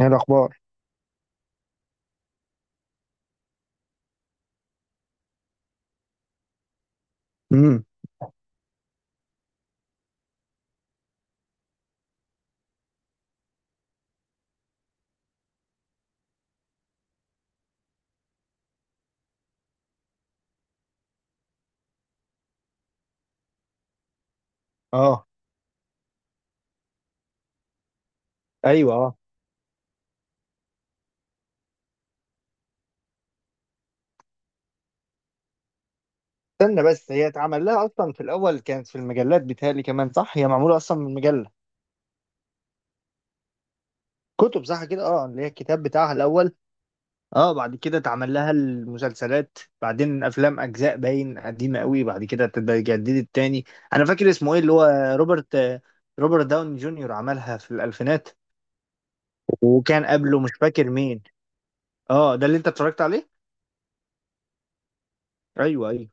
ايه الاخبار؟ امم. اه، ايوه، اه، استنى بس. هي اتعمل لها اصلا؟ في الاول كانت في المجلات، بتهيألي كمان، صح؟ هي معموله اصلا من مجله. كتب، صح كده، اه، اللي هي الكتاب بتاعها الاول. اه، بعد كده اتعمل لها المسلسلات، بعدين افلام، اجزاء باين قديمه قوي، بعد كده اتجددت تاني. انا فاكر اسمه ايه اللي هو، روبرت، روبرت داون جونيور، عملها في الالفينات. وكان قبله مش فاكر مين. اه، ده اللي انت اتفرجت عليه؟ ايوه ايوه.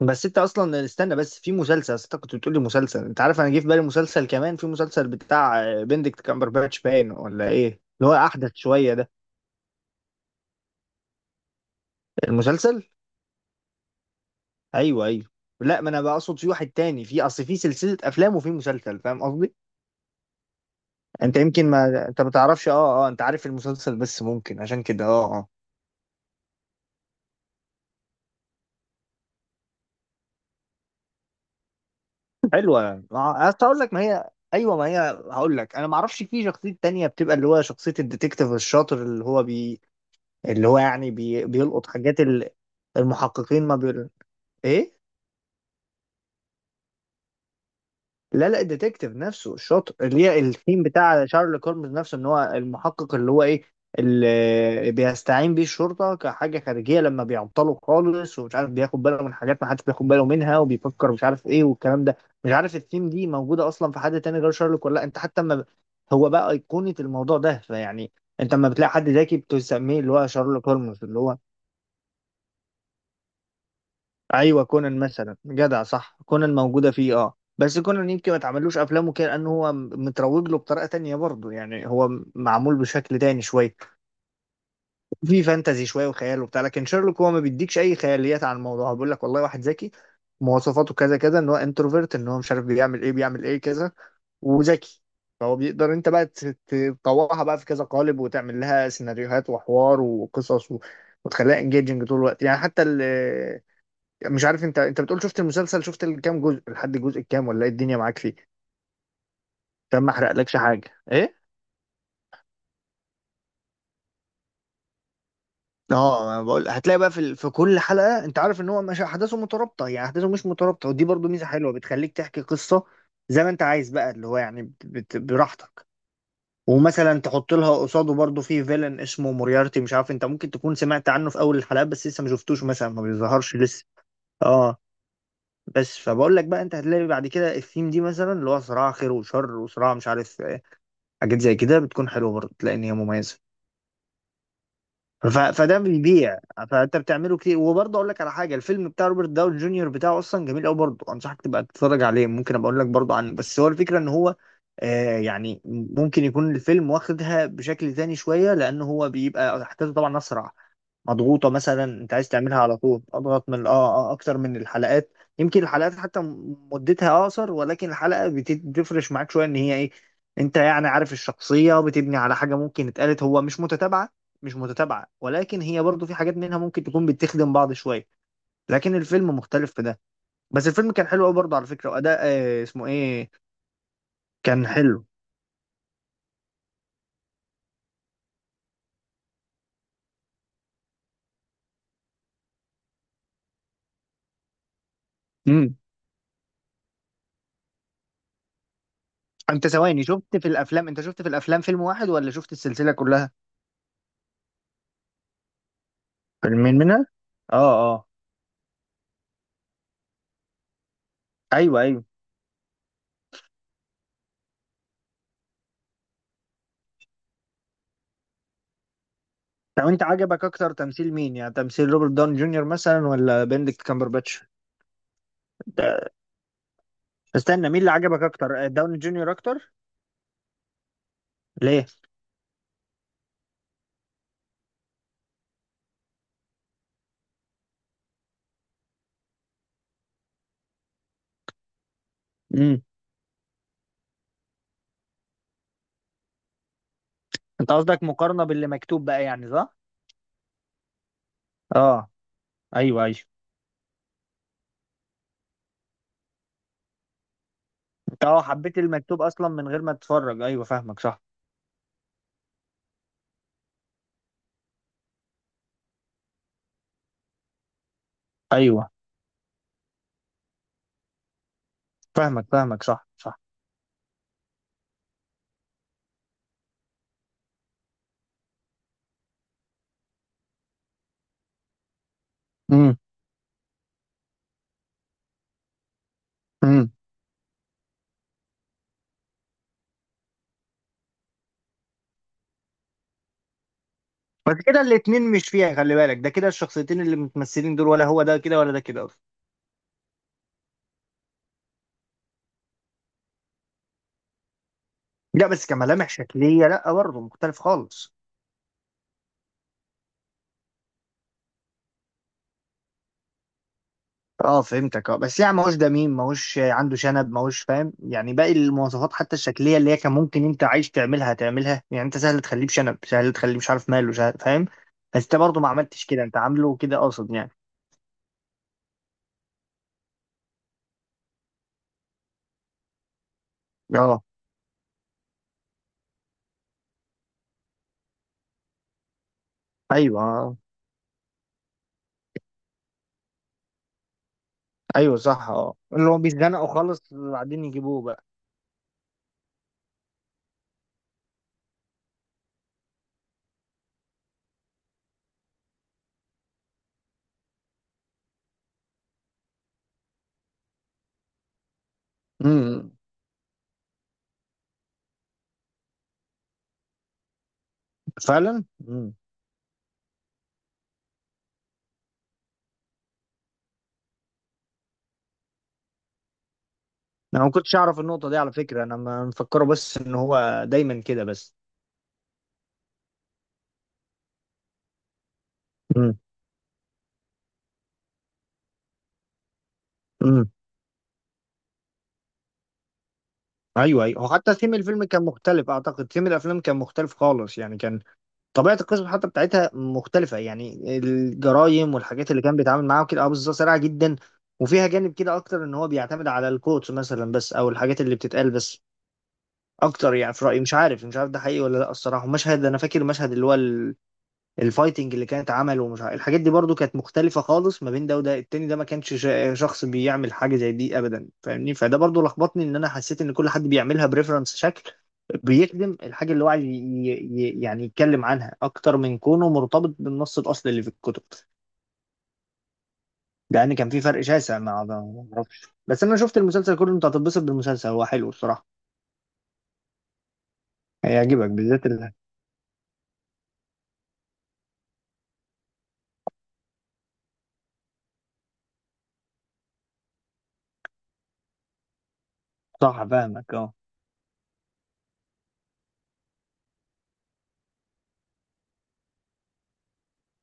بس انت اصلا استنى بس، في مسلسل، أصل انت كنت بتقول لي مسلسل، انت عارف انا جه في بالي مسلسل كمان، في مسلسل بتاع بندكت كامبرباتش، باين ولا ايه، اللي هو احدث شويه ده المسلسل. ايوه ايوه. لا، ما انا بقصد في واحد تاني، في اصل في سلسله افلام وفي مسلسل، فاهم قصدي؟ انت يمكن ما انت ما تعرفش، اه اه، انت عارف المسلسل بس ممكن عشان كده، اه اه. حلوه، أصل هقول لك، ما هي ايوه، ما هي هقول لك، انا ما اعرفش في شخصيه تانية بتبقى اللي هو شخصيه الديتكتيف الشاطر اللي هو بي، اللي هو يعني بيلقط حاجات المحققين، ما ايه، لا لا، الديتكتيف نفسه الشاطر، اللي هي الثيم بتاع شارلوك هولمز نفسه، ان هو المحقق اللي هو ايه، اللي بيستعين بيه الشرطه كحاجه خارجيه لما بيعطلوا خالص ومش عارف، بياخد باله من حاجات ما حدش بياخد باله منها، وبيفكر مش عارف ايه والكلام ده. مش عارف الثيم دي موجوده اصلا في حد تاني غير شارلوك ولا لا، انت حتى ما، هو بقى ايقونه الموضوع ده، فيعني انت لما بتلاقي حد ذكي بتسميه اللي هو شارلوك هولمز اللي هو، ايوه كونان مثلا، جدع، صح، كونان موجوده فيه. اه، بس كونان يمكن ما اتعملوش افلامه كده لانه هو متروج له بطريقه تانية برضه، يعني هو معمول بشكل تاني شويه. في فانتزي شويه وخيال وبتاع، لكن شيرلوك هو ما بيديكش اي خياليات عن الموضوع، هو بيقول لك والله واحد ذكي، مواصفاته كذا كذا، ان هو انتروفيرت، ان هو مش عارف بيعمل ايه بيعمل ايه كذا، وذكي. فهو بيقدر انت بقى تطوعها بقى في كذا قالب وتعمل لها سيناريوهات وحوار وقصص وتخليها انجيجنج طول الوقت، يعني حتى مش عارف انت، انت بتقول شفت المسلسل، شفت الكام جزء، لحد الجزء الكام ولا ايه الدنيا معاك فيه؟ عشان ما احرقلكش حاجه. ايه؟ اه، انا بقول هتلاقي بقى في في كل حلقه، انت عارف ان هو مش احداثه مترابطه، يعني احداثه مش مترابطه، ودي برضو ميزه حلوه بتخليك تحكي قصه زي ما انت عايز، بقى اللي هو يعني براحتك. ومثلا تحط لها قصاده برضو في فيلن اسمه موريارتي، مش عارف انت ممكن تكون سمعت عنه في اول الحلقات بس لسه ما شفتوش، مثلا ما بيظهرش لسه. اه، بس فبقول لك بقى، انت هتلاقي بعد كده الثيم دي مثلا اللي هو صراع خير وشر وصراع مش عارف، حاجات زي كده بتكون حلوه برضه، تلاقي ان هي مميزه. فده بيبيع. فانت بتعمله كتير. وبرضه اقول لك على حاجه، الفيلم بتاع روبرت داون جونيور بتاعه اصلا جميل قوي برضه، انصحك تبقى تتفرج عليه، ممكن ابقى اقول لك برضه عنه. بس هو الفكره ان هو يعني ممكن يكون الفيلم واخدها بشكل تاني شويه، لان هو بيبقى احداثه طبعا اسرع، مضغوطة، مثلا انت عايز تعملها على طول اضغط من اكتر من الحلقات. يمكن الحلقات حتى مدتها اقصر، ولكن الحلقة بتفرش معاك شوية، ان هي ايه، انت يعني عارف، الشخصية بتبني على حاجة ممكن اتقالت، هو مش متتابعة، مش متتابعة، ولكن هي برضو في حاجات منها ممكن تكون بتخدم بعض شوية. لكن الفيلم مختلف في ده. بس الفيلم كان حلو قوي برضه على فكرة، وأداء اسمه ايه، كان حلو. امم انت ثواني، شفت في الافلام، انت شفت في الافلام فيلم واحد ولا شفت السلسلة كلها؟ فيلمين منها، اه اه، ايوه ايوه. لو انت عجبك اكتر تمثيل مين، يعني تمثيل روبرت داون جونيور مثلا ولا بندكت كامبرباتش؟ ده- استنى، مين اللي عجبك اكتر، داون جونيور اكتر؟ ليه؟ امم انت قصدك مقارنة باللي مكتوب بقى يعني، صح؟ اه، ايوه ايوه. انت اه حبيت المكتوب اصلا من غير ما تتفرج، ايوه فاهمك، صح. ايوه، فاهمك فاهمك، صح صح. امم امم بس كده الاتنين مش فيها، خلي بالك ده كده الشخصيتين اللي متمثلين دول، ولا هو ده كده ولا ده كده اصلا؟ لا بس كملامح شكلية، لا برضه مختلف خالص. اه فهمتك، اه، بس يعني ماهوش دميم، ماهوش عنده شنب، ماهوش، فاهم يعني؟ باقي المواصفات حتى الشكليه اللي هي كان ممكن، انت عايز تعملها تعملها، يعني انت سهل تخليه بشنب، سهل تخليه مش عارف ماله، سهل، فاهم؟ بس انت برضه ما عملتش كده، انت عامله كده قاصد، يعني. اه، ايوه، آه. ايوه صح، اه، اللي هو بيتزنقوا خالص بعدين يجيبوه بقى. امم. فعلا. امم. انا ما كنتش اعرف النقطه دي على فكره، انا ما مفكره بس ان هو دايما كده بس. امم، ايوه ايوه، هو حتى ثيم الفيلم كان مختلف اعتقد، ثيم الافلام كان مختلف خالص يعني، كان طبيعه القصه حتى بتاعتها مختلفه، يعني الجرايم والحاجات اللي كان بيتعامل معاها وكده، اه بالظبط، سريعه جدا. وفيها جانب كده اكتر ان هو بيعتمد على الكوتس مثلا بس، او الحاجات اللي بتتقال بس اكتر، يعني في رايي مش عارف، مش عارف ده حقيقي ولا لا الصراحه. مشهد، انا فاكر المشهد اللي هو الفايتنج اللي كانت عمله ومش عارف، الحاجات دي برضو كانت مختلفة خالص ما بين ده وده التاني، ده ما كانش شخص بيعمل حاجة زي دي ابدا، فاهمني؟ فده برضو لخبطني، ان انا حسيت ان كل حد بيعملها بريفرنس شكل بيخدم الحاجة اللي هو عايز يعني يتكلم عنها، اكتر من كونه مرتبط بالنص الاصلي اللي في الكتب، لان كان في فرق شاسع مع ده ما اعرفش. بس انا شفت المسلسل كله، انت هتتبسط بالمسلسل، هو حلو الصراحة. هيعجبك بالذات صح فاهمك، اه،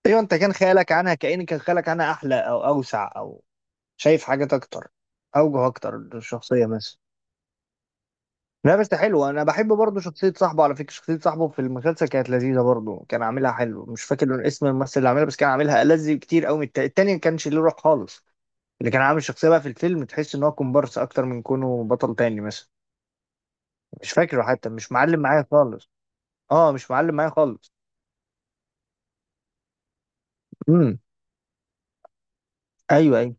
ايوه، انت كان خيالك عنها كأن كان خيالك عنها احلى او اوسع، او شايف حاجات اكتر، اوجه اكتر للشخصيه مثلا. لا بس حلو، انا بحب برضه شخصيه صاحبه على فكره، شخصيه صاحبه في المسلسل كانت لذيذه برضه، كان عاملها حلو، مش فاكر اسم الممثل اللي عاملها، بس كان عاملها ألذ كتير قوي من التاني، التاني ما كانش ليه روح خالص. اللي كان عامل الشخصيه بقى في الفيلم، تحس ان هو كومبارس اكتر من كونه بطل تاني مثلا. مش فاكره حتى، مش معلم معايا خالص. اه، مش معلم معايا خالص. امم، ايوه ايوه.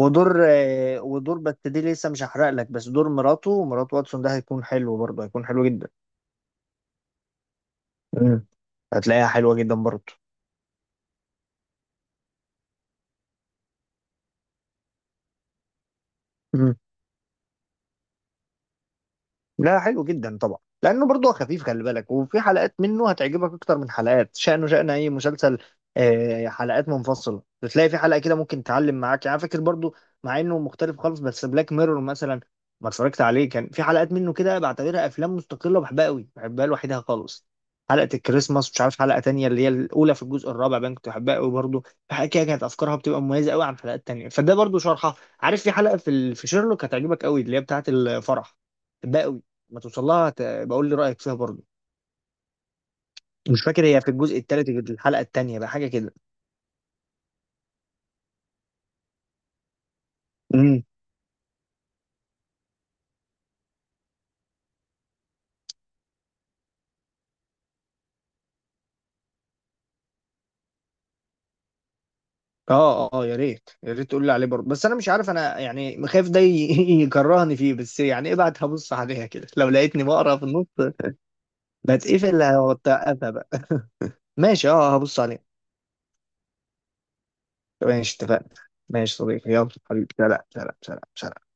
ودور ودور، بس دي لسه مش هحرق لك، بس دور مراته، مرات واتسون، ده هيكون حلو برضه، هيكون حلو جدا. مم. هتلاقيها حلوة جدا برضه. لا حلو جدا طبعا، لانه برضه خفيف خلي بالك، وفي حلقات منه هتعجبك اكتر من حلقات، شأنه شأن اي مسلسل. حلقات منفصله، بتلاقي في حلقه كده ممكن تعلم معاك، يعني فاكر برضه مع انه مختلف خالص بس بلاك ميرور مثلا، ما اتفرجت عليه، كان في حلقات منه كده بعتبرها افلام مستقله بحبها قوي، بحبها لوحدها خالص. حلقه الكريسماس، مش عارف حلقه تانية اللي هي الاولى في الجزء الرابع باين، كنت بحبها قوي برضه. في حلقه كده كانت افكارها بتبقى مميزه قوي عن حلقات تانية، فده برضه شرحها. عارف في حلقه في في شيرلوك هتعجبك قوي، اللي هي بتاعه الفرح. بحبها قوي. ما توصل لها بقول لي رايك فيها برضه. مش فاكر، هي في الجزء الثالث، الحلقه الثانيه بقى، حاجه كده. امم، اه اه، يا ريت يا ريت تقول لي عليه برضه، بس انا مش عارف، انا يعني خايف ده يكرهني فيه، بس يعني ابعت، هبص عليها كده، لو لقيتني بقرا في النص بتقفل هوقفها بقى. ماشي، اه، هبص عليها. ماشي، اتفقنا. ماشي صديقي، يلا حبيبي، سلام سلام سلام سلام.